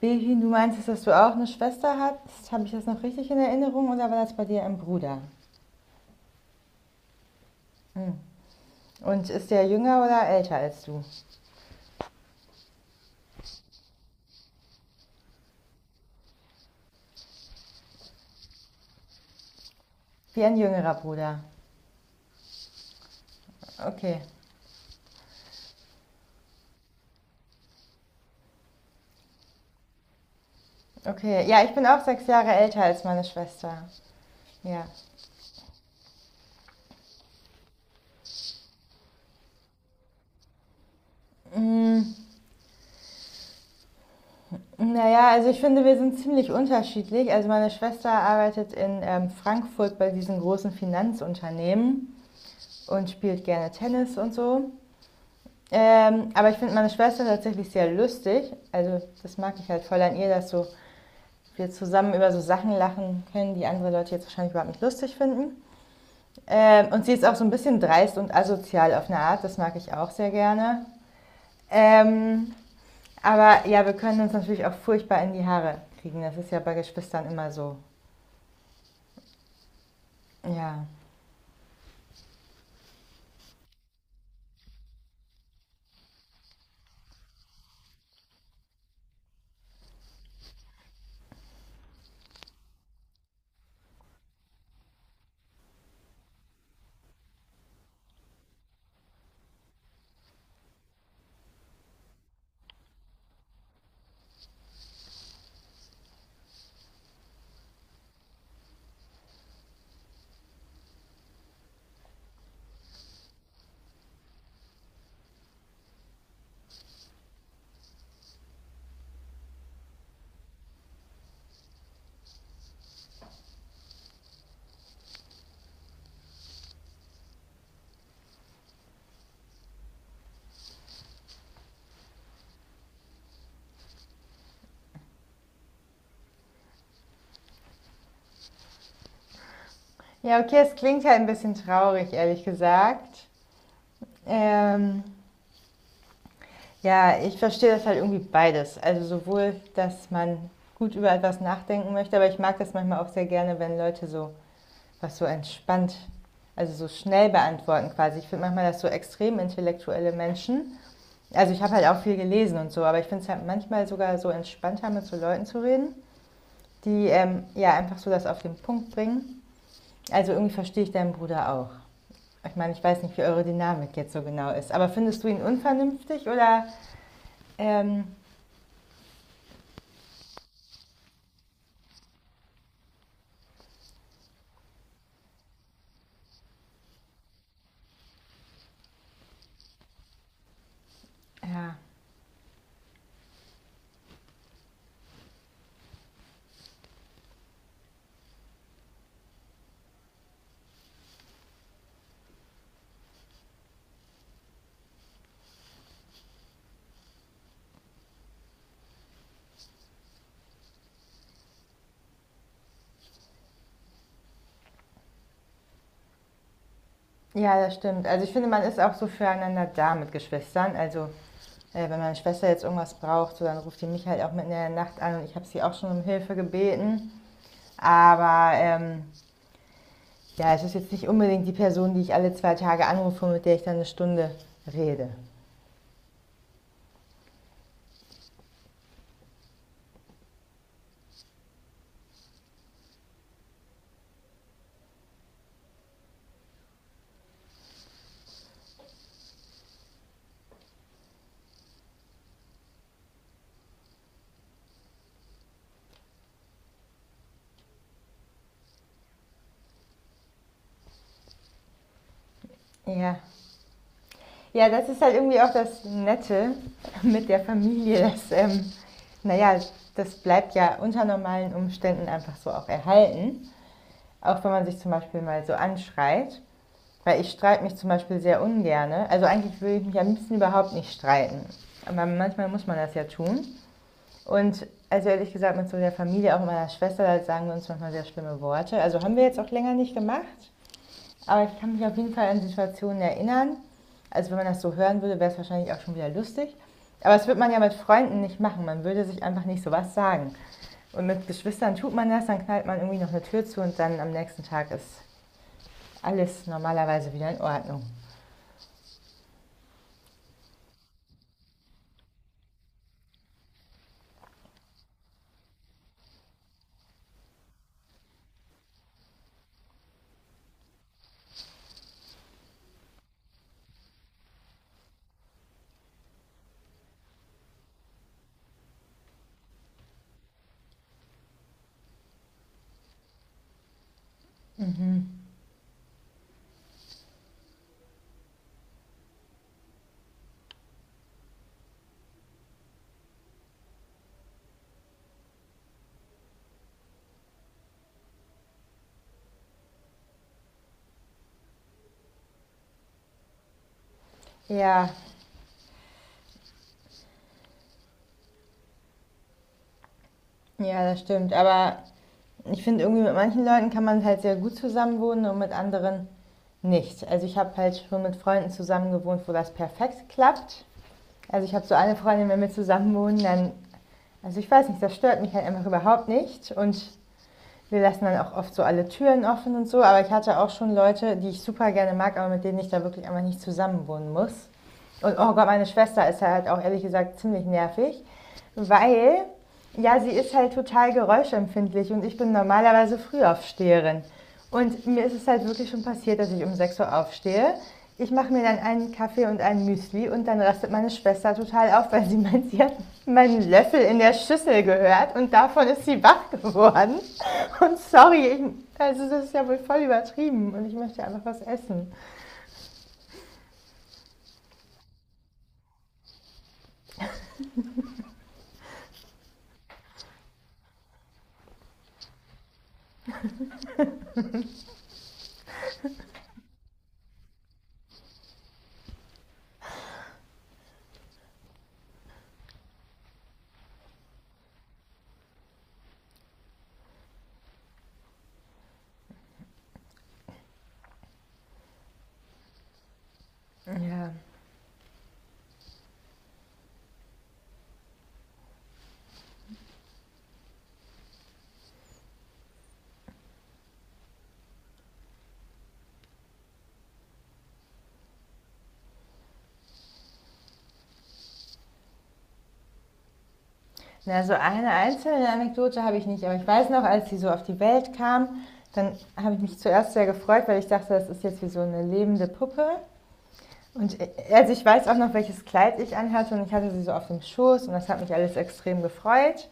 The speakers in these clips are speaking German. Behin, du meintest, dass du auch eine Schwester hast. Habe ich das noch richtig in Erinnerung oder war das bei dir ein Bruder? Hm. Und ist der jünger oder älter als du? Wie ein jüngerer Bruder. Okay. Okay, ja, ich bin auch 6 Jahre älter als meine Schwester. Ja. Mm, naja, also ich finde, wir sind ziemlich unterschiedlich. Also meine Schwester arbeitet in Frankfurt bei diesen großen Finanzunternehmen und spielt gerne Tennis und so. Aber ich finde meine Schwester tatsächlich sehr lustig. Also das mag ich halt voll an ihr, dass so wir zusammen über so Sachen lachen können, die andere Leute jetzt wahrscheinlich überhaupt nicht lustig finden. Und sie ist auch so ein bisschen dreist und asozial auf eine Art, das mag ich auch sehr gerne. Ähm, aber ja, wir können uns natürlich auch furchtbar in die Haare kriegen. Das ist ja bei Geschwistern immer so. Ja. Ja, okay, es klingt halt ein bisschen traurig, ehrlich gesagt. Ähm, ja, ich verstehe das halt irgendwie beides. Also sowohl, dass man gut über etwas nachdenken möchte, aber ich mag das manchmal auch sehr gerne, wenn Leute so was so entspannt, also so schnell beantworten quasi. Ich finde manchmal, dass so extrem intellektuelle Menschen, also ich habe halt auch viel gelesen und so, aber ich finde es halt manchmal sogar so entspannter, mit so Leuten zu reden, die ja einfach so das auf den Punkt bringen. Also irgendwie verstehe ich deinen Bruder auch. Ich meine, ich weiß nicht, wie eure Dynamik jetzt so genau ist, aber findest du ihn unvernünftig oder ähm, ja. Ja, das stimmt. Also ich finde, man ist auch so füreinander da mit Geschwistern. Also wenn meine Schwester jetzt irgendwas braucht, so, dann ruft die mich halt auch mitten in der Nacht an und ich habe sie auch schon um Hilfe gebeten. Aber ja, es ist jetzt nicht unbedingt die Person, die ich alle 2 Tage anrufe, mit der ich dann eine Stunde rede. Ja. Ja, das ist halt irgendwie auch das Nette mit der Familie, dass, naja, das bleibt ja unter normalen Umständen einfach so auch erhalten. Auch wenn man sich zum Beispiel mal so anschreit. Weil ich streite mich zum Beispiel sehr ungerne. Also eigentlich würde ich mich am liebsten überhaupt nicht streiten. Aber manchmal muss man das ja tun. Und also ehrlich gesagt, mit so der Familie, auch meiner Schwester, da sagen wir uns manchmal sehr schlimme Worte. Also haben wir jetzt auch länger nicht gemacht. Aber ich kann mich auf jeden Fall an Situationen erinnern. Also wenn man das so hören würde, wäre es wahrscheinlich auch schon wieder lustig. Aber das würde man ja mit Freunden nicht machen. Man würde sich einfach nicht sowas sagen. Und mit Geschwistern tut man das, dann knallt man irgendwie noch eine Tür zu und dann am nächsten Tag ist alles normalerweise wieder in Ordnung. Mhm. Ja, ja, das stimmt. Aber ich finde irgendwie mit manchen Leuten kann man halt sehr gut zusammenwohnen und mit anderen nicht. Also ich habe halt schon mit Freunden zusammen gewohnt, wo das perfekt klappt. Also ich habe so eine Freundin, wenn wir zusammen wohnen, dann, also ich weiß nicht, das stört mich halt einfach überhaupt nicht. Und wir lassen dann auch oft so alle Türen offen und so. Aber ich hatte auch schon Leute, die ich super gerne mag, aber mit denen ich da wirklich einfach nicht zusammen wohnen muss. Und oh Gott, meine Schwester ist halt auch ehrlich gesagt ziemlich nervig, weil ja, sie ist halt total geräuschempfindlich und ich bin normalerweise Frühaufsteherin. Und mir ist es halt wirklich schon passiert, dass ich um 6 Uhr aufstehe. Ich mache mir dann einen Kaffee und ein Müsli und dann rastet meine Schwester total auf, weil sie meint, sie hat meinen Löffel in der Schüssel gehört und davon ist sie wach geworden. Und sorry, also das ist ja wohl voll übertrieben und ich möchte einfach was essen. Ja. Na, so eine einzelne Anekdote habe ich nicht, aber ich weiß noch, als sie so auf die Welt kam, dann habe ich mich zuerst sehr gefreut, weil ich dachte, das ist jetzt wie so eine lebende Puppe. Und also ich weiß auch noch, welches Kleid ich anhatte und ich hatte sie so auf dem Schoß und das hat mich alles extrem gefreut.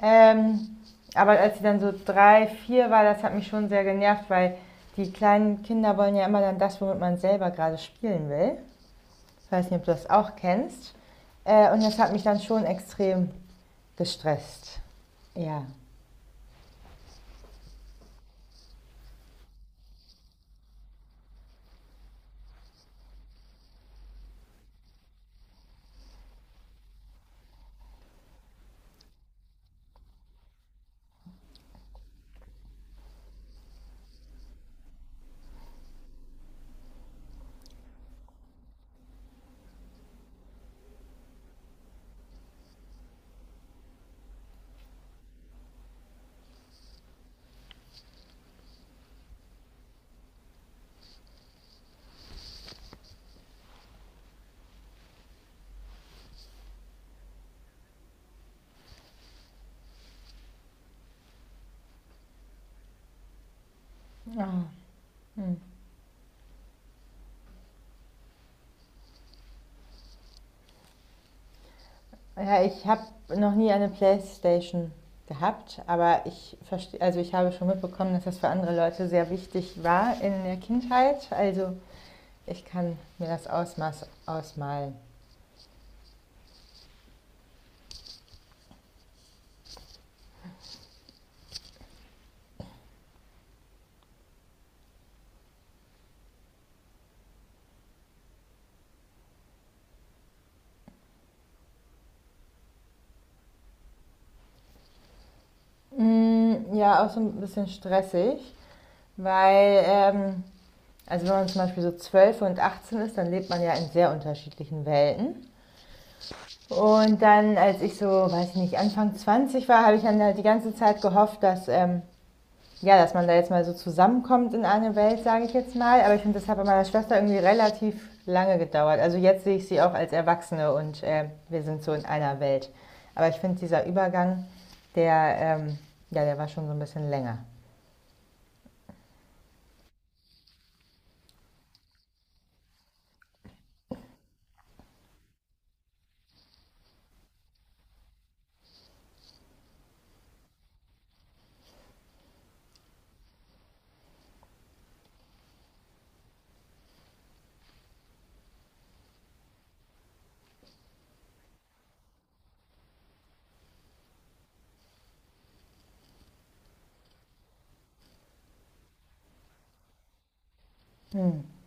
Ähm, aber als sie dann so drei, vier war, das hat mich schon sehr genervt, weil die kleinen Kinder wollen ja immer dann das, womit man selber gerade spielen will. Ich weiß nicht, ob du das auch kennst. Und das hat mich dann schon extrem gestresst. Ja. Oh. Hm. Ja, ich habe noch nie eine Playstation gehabt, aber ich verstehe, also ich habe schon mitbekommen, dass das für andere Leute sehr wichtig war in der Kindheit. Also ich kann mir das Ausmaß ausmalen. Mm, ja, auch so ein bisschen stressig, weil, also wenn man zum Beispiel so 12 und 18 ist, dann lebt man ja in sehr unterschiedlichen Welten. Und dann, als ich so, weiß ich nicht, Anfang 20 war, habe ich dann halt die ganze Zeit gehofft, dass, ja, dass man da jetzt mal so zusammenkommt in eine Welt, sage ich jetzt mal. Aber ich finde, das hat bei meiner Schwester irgendwie relativ lange gedauert. Also jetzt sehe ich sie auch als Erwachsene und wir sind so in einer Welt. Aber ich finde, dieser Übergang, der, ja, der war schon so ein bisschen länger. Hm.